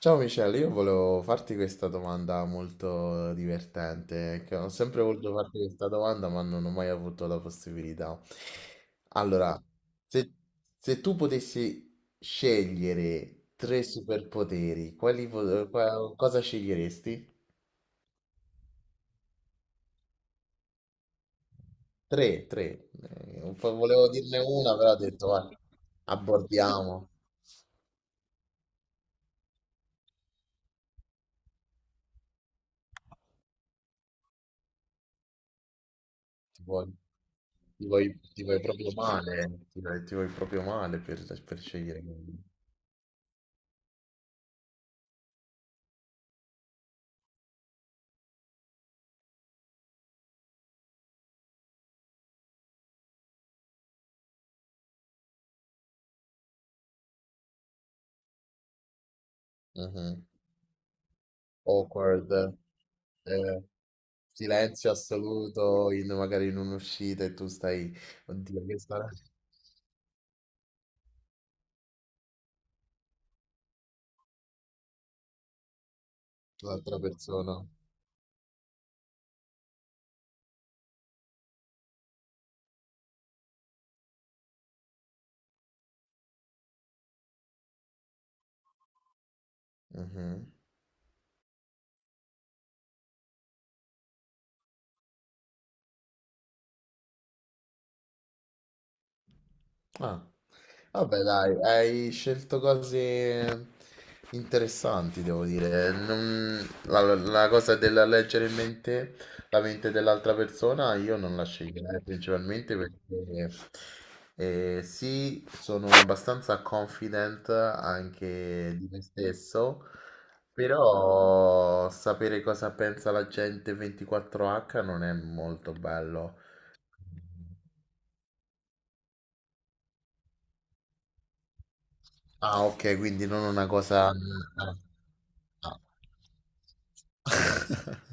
Ciao Michele, io volevo farti questa domanda molto divertente, che ho sempre voluto farti questa domanda, ma non ho mai avuto la possibilità. Allora, se, se tu potessi scegliere tre superpoteri, cosa sceglieresti? Tre, tre. Un po' volevo dirne una, però ho detto, vai, abordiamo. Ti vuoi, ti vuoi proprio male, ti vuoi proprio male per scegliere. Mh-mh. Awkward, ehm, silenzio assoluto in magari in un'uscita e tu stai: "Oddio che sarà l'altra persona." Mh-mh. Ah, vabbè, dai, hai scelto cose interessanti, devo dire. La cosa della leggere in mente la mente dell'altra persona io non la sceglierei principalmente perché sì, sono abbastanza confident anche di me stesso, però sapere cosa pensa la gente 24H non è molto bello. Ah, ok, quindi non una cosa... ah, ah.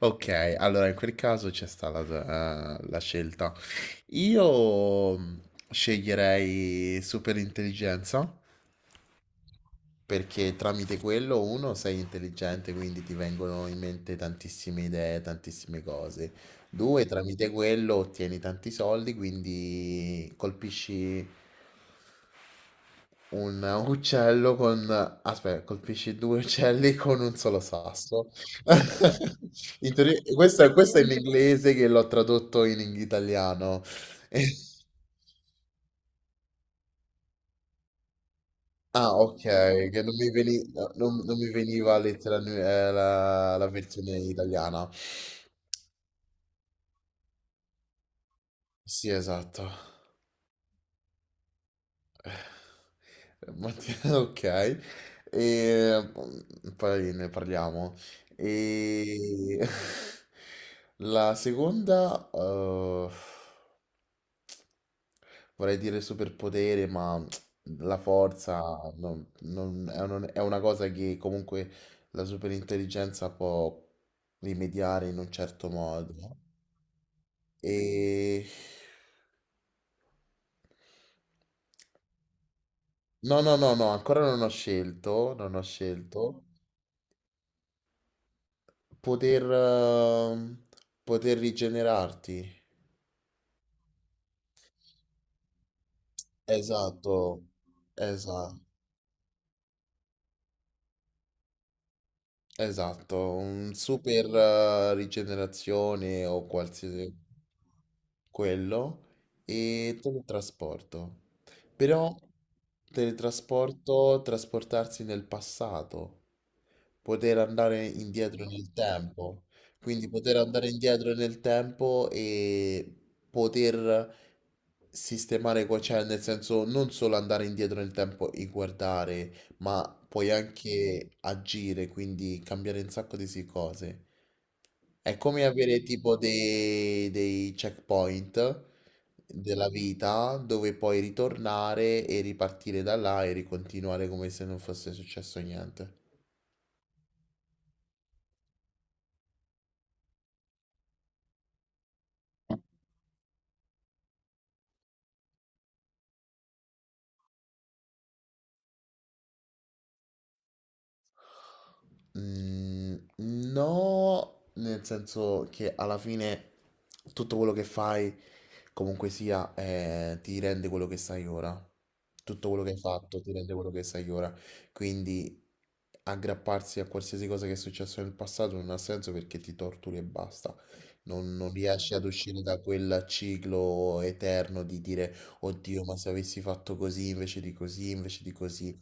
Ok, allora in quel caso c'è sta la scelta. Io sceglierei super intelligenza, perché tramite quello uno sei intelligente, quindi ti vengono in mente tantissime idee, tantissime cose. Due, tramite quello ottieni tanti soldi, quindi colpisci un uccello con... Aspetta, colpisci due uccelli con un solo sasso. In teoria- questo è in inglese che l'ho tradotto in italiano. Ah, ok, che non mi veni- no, non- non mi veniva, la versione italiana. Sì, esatto. Mattina, ok. E poi ne parliamo. E la seconda, vorrei dire superpotere, ma la forza è una cosa che comunque la superintelligenza può rimediare in un certo modo. E no, no, no, no, ancora non ho scelto, non ho scelto. Poter, eh, Poter rigenerarti. Esatto, esatto. Esatto, un super rigenerazione o qualsiasi quello, e teletrasporto. Però teletrasporto, trasportarsi nel passato, poter andare indietro nel tempo, quindi poter andare indietro nel tempo e poter sistemare, cioè nel senso non solo andare indietro nel tempo e guardare, ma puoi anche agire, quindi cambiare un sacco di cose. È come avere tipo dei checkpoint della vita dove puoi ritornare e ripartire da là e ricontinuare come se non fosse successo niente. No, nel senso che alla fine tutto quello che fai, comunque sia, ti rende quello che sai ora. Tutto quello che hai fatto ti rende quello che sai ora. Quindi aggrapparsi a qualsiasi cosa che è successo nel passato non ha senso, perché ti torturi e basta. Non riesci ad uscire da quel ciclo eterno di dire, oddio, ma se avessi fatto così invece di così, invece di così.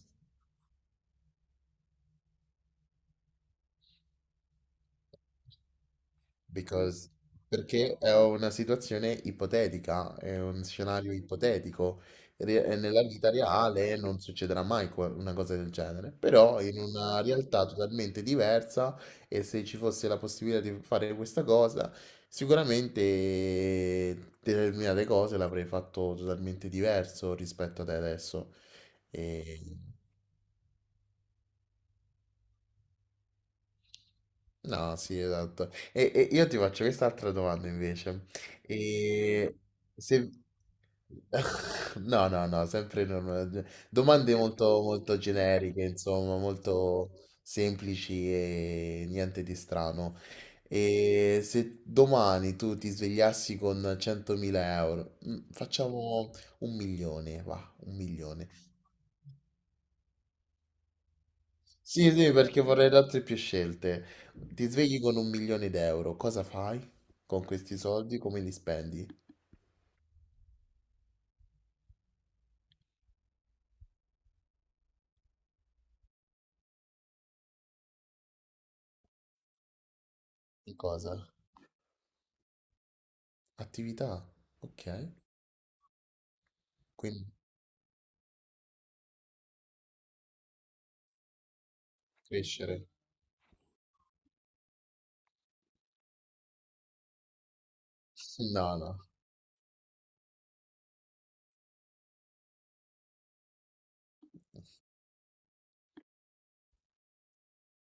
Because, Perché è una situazione ipotetica, è un scenario ipotetico. Nella vita reale non succederà mai una cosa del genere, però in una realtà totalmente diversa e se ci fosse la possibilità di fare questa cosa, sicuramente determinate cose l'avrei fatto totalmente diverso rispetto ad adesso. E... No, sì, esatto. E io ti faccio quest'altra domanda invece. E se... No, no, no, sempre non- domande molto, molto generiche, insomma, molto semplici e niente di strano. E se domani tu ti svegliassi con €100.000, facciamo un milione, va, un milione. Sì, sì, perché vorrei altre più scelte. Ti svegli con un milione d'euro, cosa fai con questi soldi? Come li spendi? In cosa? Attività, ok. Quindi crescere. No, no,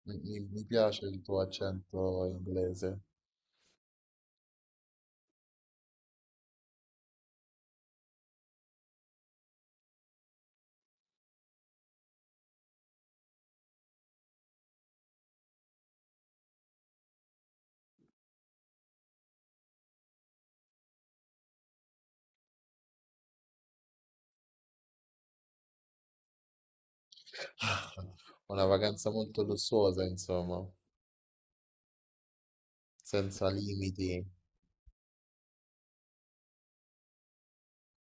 mi piace il tuo accento inglese. Una vacanza molto lussuosa, insomma, senza limiti,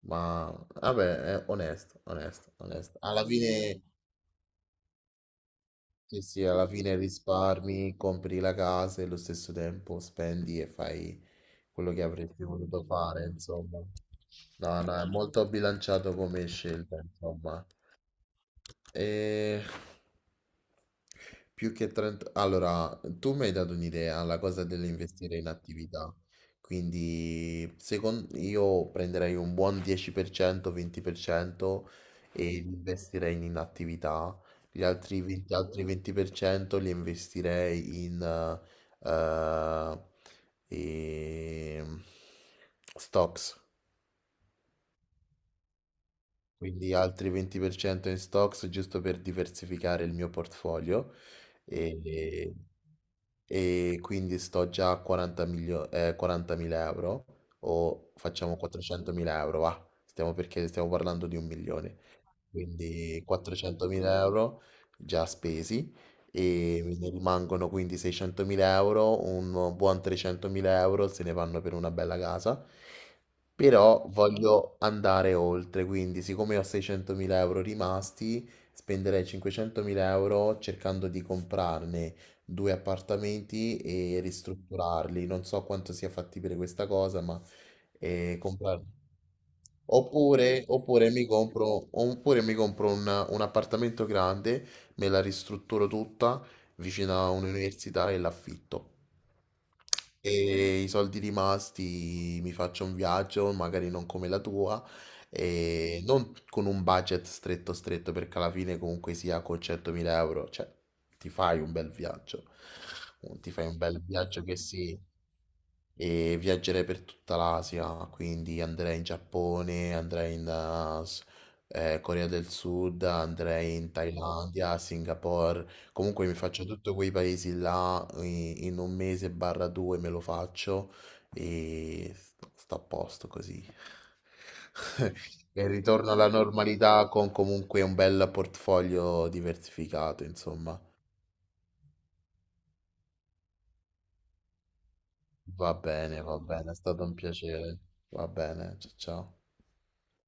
ma vabbè, è onesto, onesto, onesto. Alla fine sì, sì, alla fine risparmi, compri la casa e allo stesso tempo spendi e fai quello che avresti voluto fare, insomma. No, no, è molto bilanciato come scelta, insomma. E... Più che 30... Allora, tu mi hai dato un'idea, la cosa dell'investire in attività. Quindi, secondo io prenderei un buon 10%, 20% e li investirei in attività. Gli altri 20% li investirei in e- stocks, quindi altri 20% in stocks, giusto per diversificare il mio portfolio, e, e quindi sto già a €40.000, o facciamo €400.000, va, stiamo, perché stiamo parlando di un milione, quindi €400.000 già spesi e mi rimangono quindi €600.000, un buon €300.000 se ne vanno per una bella casa, però voglio andare oltre, quindi siccome ho €600.000 rimasti, spenderei €500.000 cercando di comprarne due appartamenti e ristrutturarli, non so quanto sia fattibile questa cosa, ma comprarli. Oppure mi compro un appartamento grande, me la ristrutturo tutta vicino a un'università e l'affitto. E i soldi rimasti mi faccio un viaggio, magari non come la tua, e non con un budget stretto stretto, perché alla fine comunque sia con €100.000, cioè, ti fai un bel viaggio, ti fai un bel viaggio che sì, e viaggerei per tutta l'Asia, quindi andrei in Giappone, andrei in Corea del Sud, andrei in Thailandia, Singapore, comunque mi faccio tutti quei paesi là in un mese barra due me lo faccio e sto a posto così. E ritorno alla normalità con comunque un bel portfolio diversificato, insomma. Va bene, è stato un piacere. Va bene, ciao ciao.